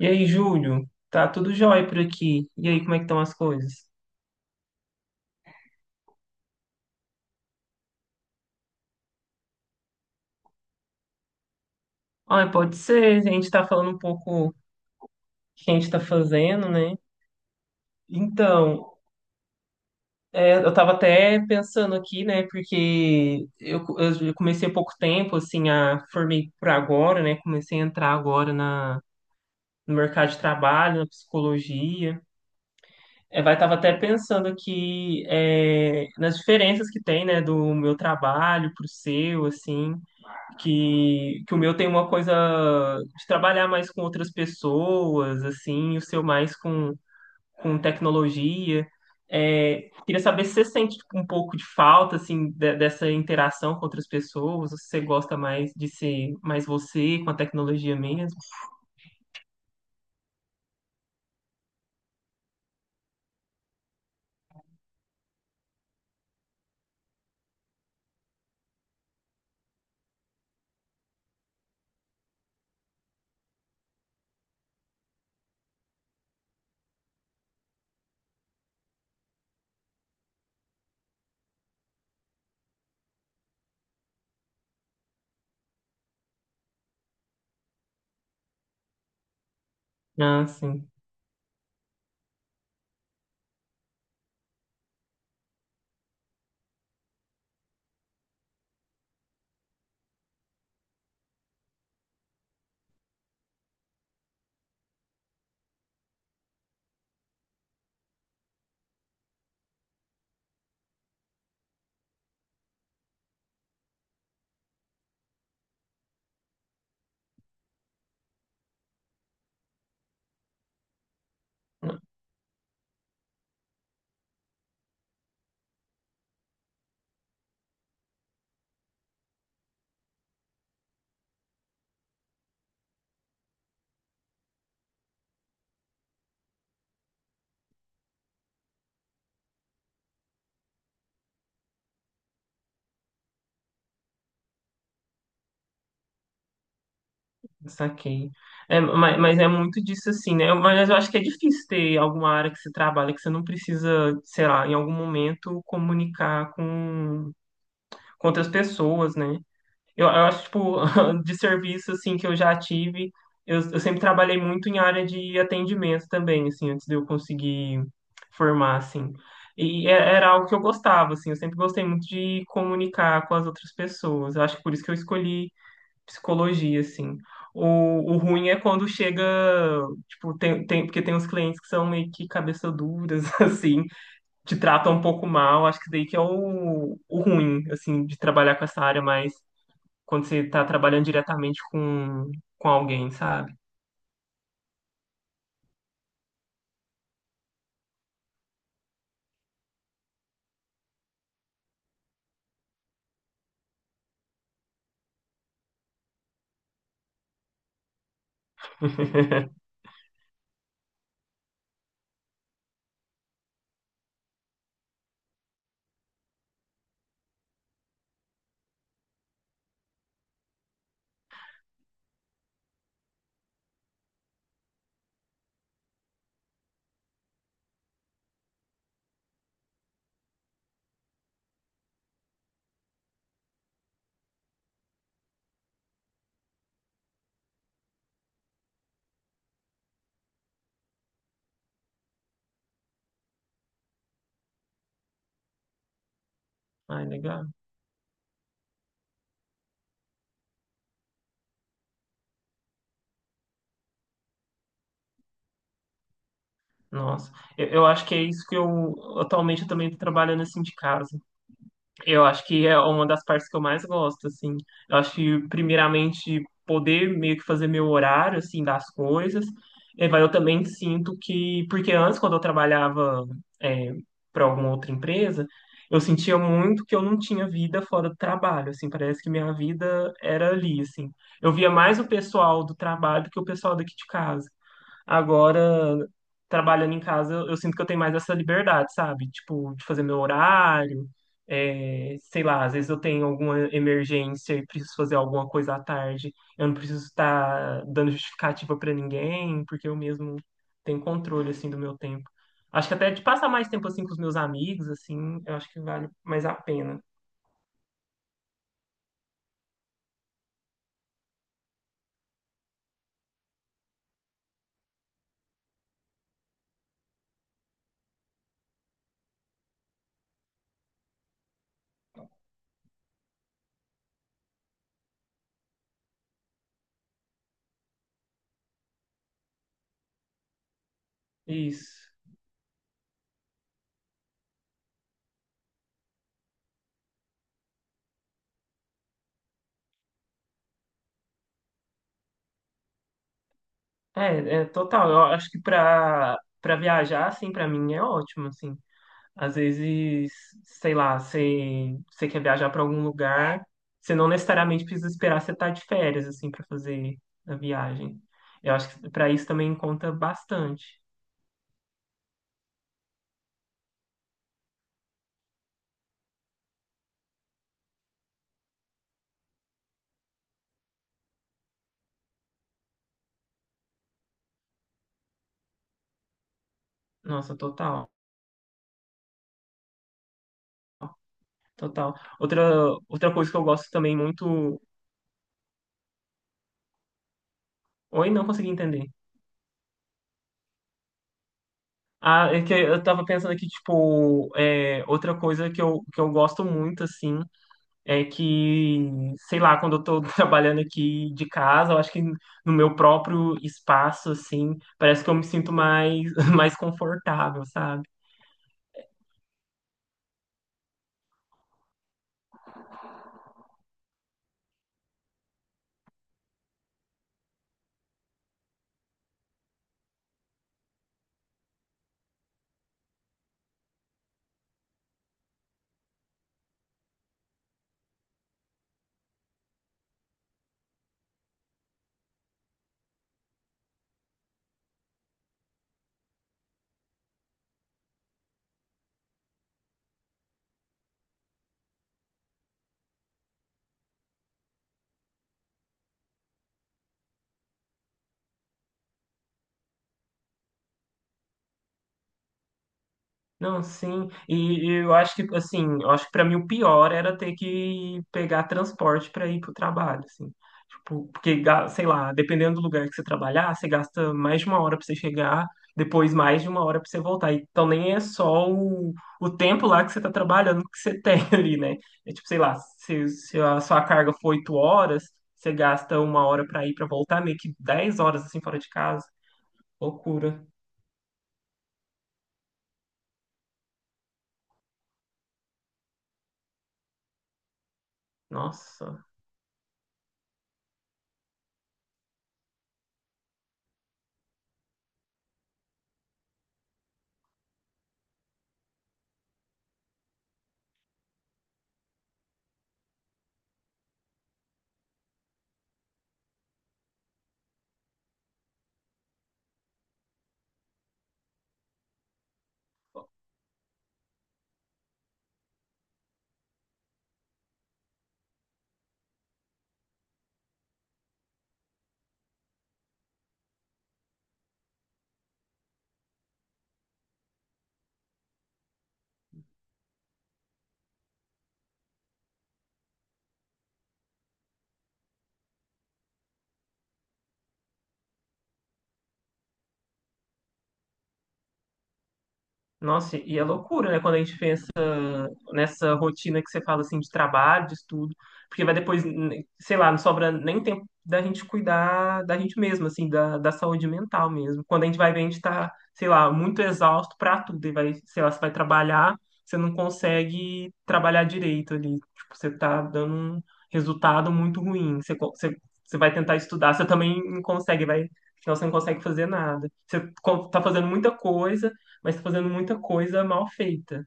E aí, Júlio? Tá tudo jóia por aqui. E aí, como é que estão as coisas? Ah, pode ser. A gente tá falando um pouco o que a gente tá fazendo, né? Então, eu tava até pensando aqui, né? Eu comecei há pouco tempo, assim, a formei por agora, né? Comecei a entrar agora no mercado de trabalho, na psicologia. É, vai, tava até pensando aqui nas diferenças que tem, né? Do meu trabalho pro seu, assim. Que o meu tem uma coisa de trabalhar mais com outras pessoas, assim, e o seu mais com tecnologia. É, queria saber se você sente tipo, um pouco de falta, assim, dessa interação com outras pessoas, ou se você gosta mais de ser mais você com a tecnologia mesmo. Ah, sim. Ah, saquei. É, mas é muito disso assim, né? Mas eu acho que é difícil ter alguma área que você trabalha que você não precisa, sei lá, em algum momento comunicar com contra as pessoas, né? Eu acho, tipo, de serviço, assim, que eu já tive, eu sempre trabalhei muito em área de atendimento também, assim, antes de eu conseguir formar, assim. E era algo que eu gostava, assim, eu sempre gostei muito de comunicar com as outras pessoas. Eu acho que por isso que eu escolhi psicologia, assim. O ruim é quando chega, tipo, tem, porque tem uns clientes que são meio que cabeça duras, assim, te trata um pouco mal, acho que daí que é o ruim, assim, de trabalhar com essa área, mas quando você tá trabalhando diretamente com alguém, sabe? Ai, legal. Nossa, eu acho que é isso que eu atualmente eu também tô trabalhando assim de casa. Eu acho que é uma das partes que eu mais gosto, assim. Eu acho que, primeiramente, poder meio que fazer meu horário, assim, das coisas. E vai, eu também sinto que... Porque antes, quando eu trabalhava, é, para alguma outra empresa, eu sentia muito que eu não tinha vida fora do trabalho, assim. Parece que minha vida era ali, assim. Eu via mais o pessoal do trabalho do que o pessoal daqui de casa. Agora, trabalhando em casa, eu sinto que eu tenho mais essa liberdade, sabe? Tipo, de fazer meu horário, sei lá, às vezes eu tenho alguma emergência e preciso fazer alguma coisa à tarde. Eu não preciso estar dando justificativa pra ninguém, porque eu mesmo tenho controle, assim, do meu tempo. Acho que até de passar mais tempo, assim, com os meus amigos, assim, eu acho que vale mais a pena. Isso. É total. Eu acho que pra viajar, assim, pra mim é ótimo, assim. Às vezes, sei lá, você quer viajar para algum lugar, você não necessariamente precisa esperar você estar de férias, assim, para fazer a viagem. Eu acho que para isso também conta bastante. Nossa, total, total. Outra, outra coisa que eu gosto também muito. Oi, não consegui entender. Ah, é que eu tava pensando aqui, tipo, outra coisa que eu gosto muito, assim, é que, sei lá, quando eu tô trabalhando aqui de casa, eu acho que no meu próprio espaço, assim, parece que eu me sinto mais, mais confortável, sabe? Não, sim. E eu acho que assim, eu acho que para mim o pior era ter que pegar transporte para ir pro trabalho, assim. Tipo, porque sei lá, dependendo do lugar que você trabalhar, você gasta mais de 1 hora para você chegar, depois mais de 1 hora para você voltar. Então nem é só o tempo lá que você tá trabalhando que você tem ali, né? É tipo, sei lá, se a sua carga for 8 horas, você gasta 1 hora para ir para voltar, meio que 10 horas assim fora de casa. Loucura. Nossa. Nossa, e é loucura, né? Quando a gente pensa nessa rotina que você fala assim de trabalho, de estudo, porque vai depois, sei lá, não sobra nem tempo da gente cuidar da gente mesmo, assim, da saúde mental mesmo. Quando a gente vai ver, a gente tá, sei lá, muito exausto pra tudo, e vai, sei lá, você vai trabalhar, você não consegue trabalhar direito ali, tipo, você tá dando um resultado muito ruim, você vai tentar estudar, você também não consegue, vai, afinal você não consegue fazer nada. Você tá fazendo muita coisa, mas tá fazendo muita coisa mal feita.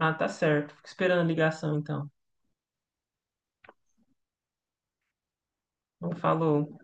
Ah, tá certo. Fico esperando a ligação, então. Não falou.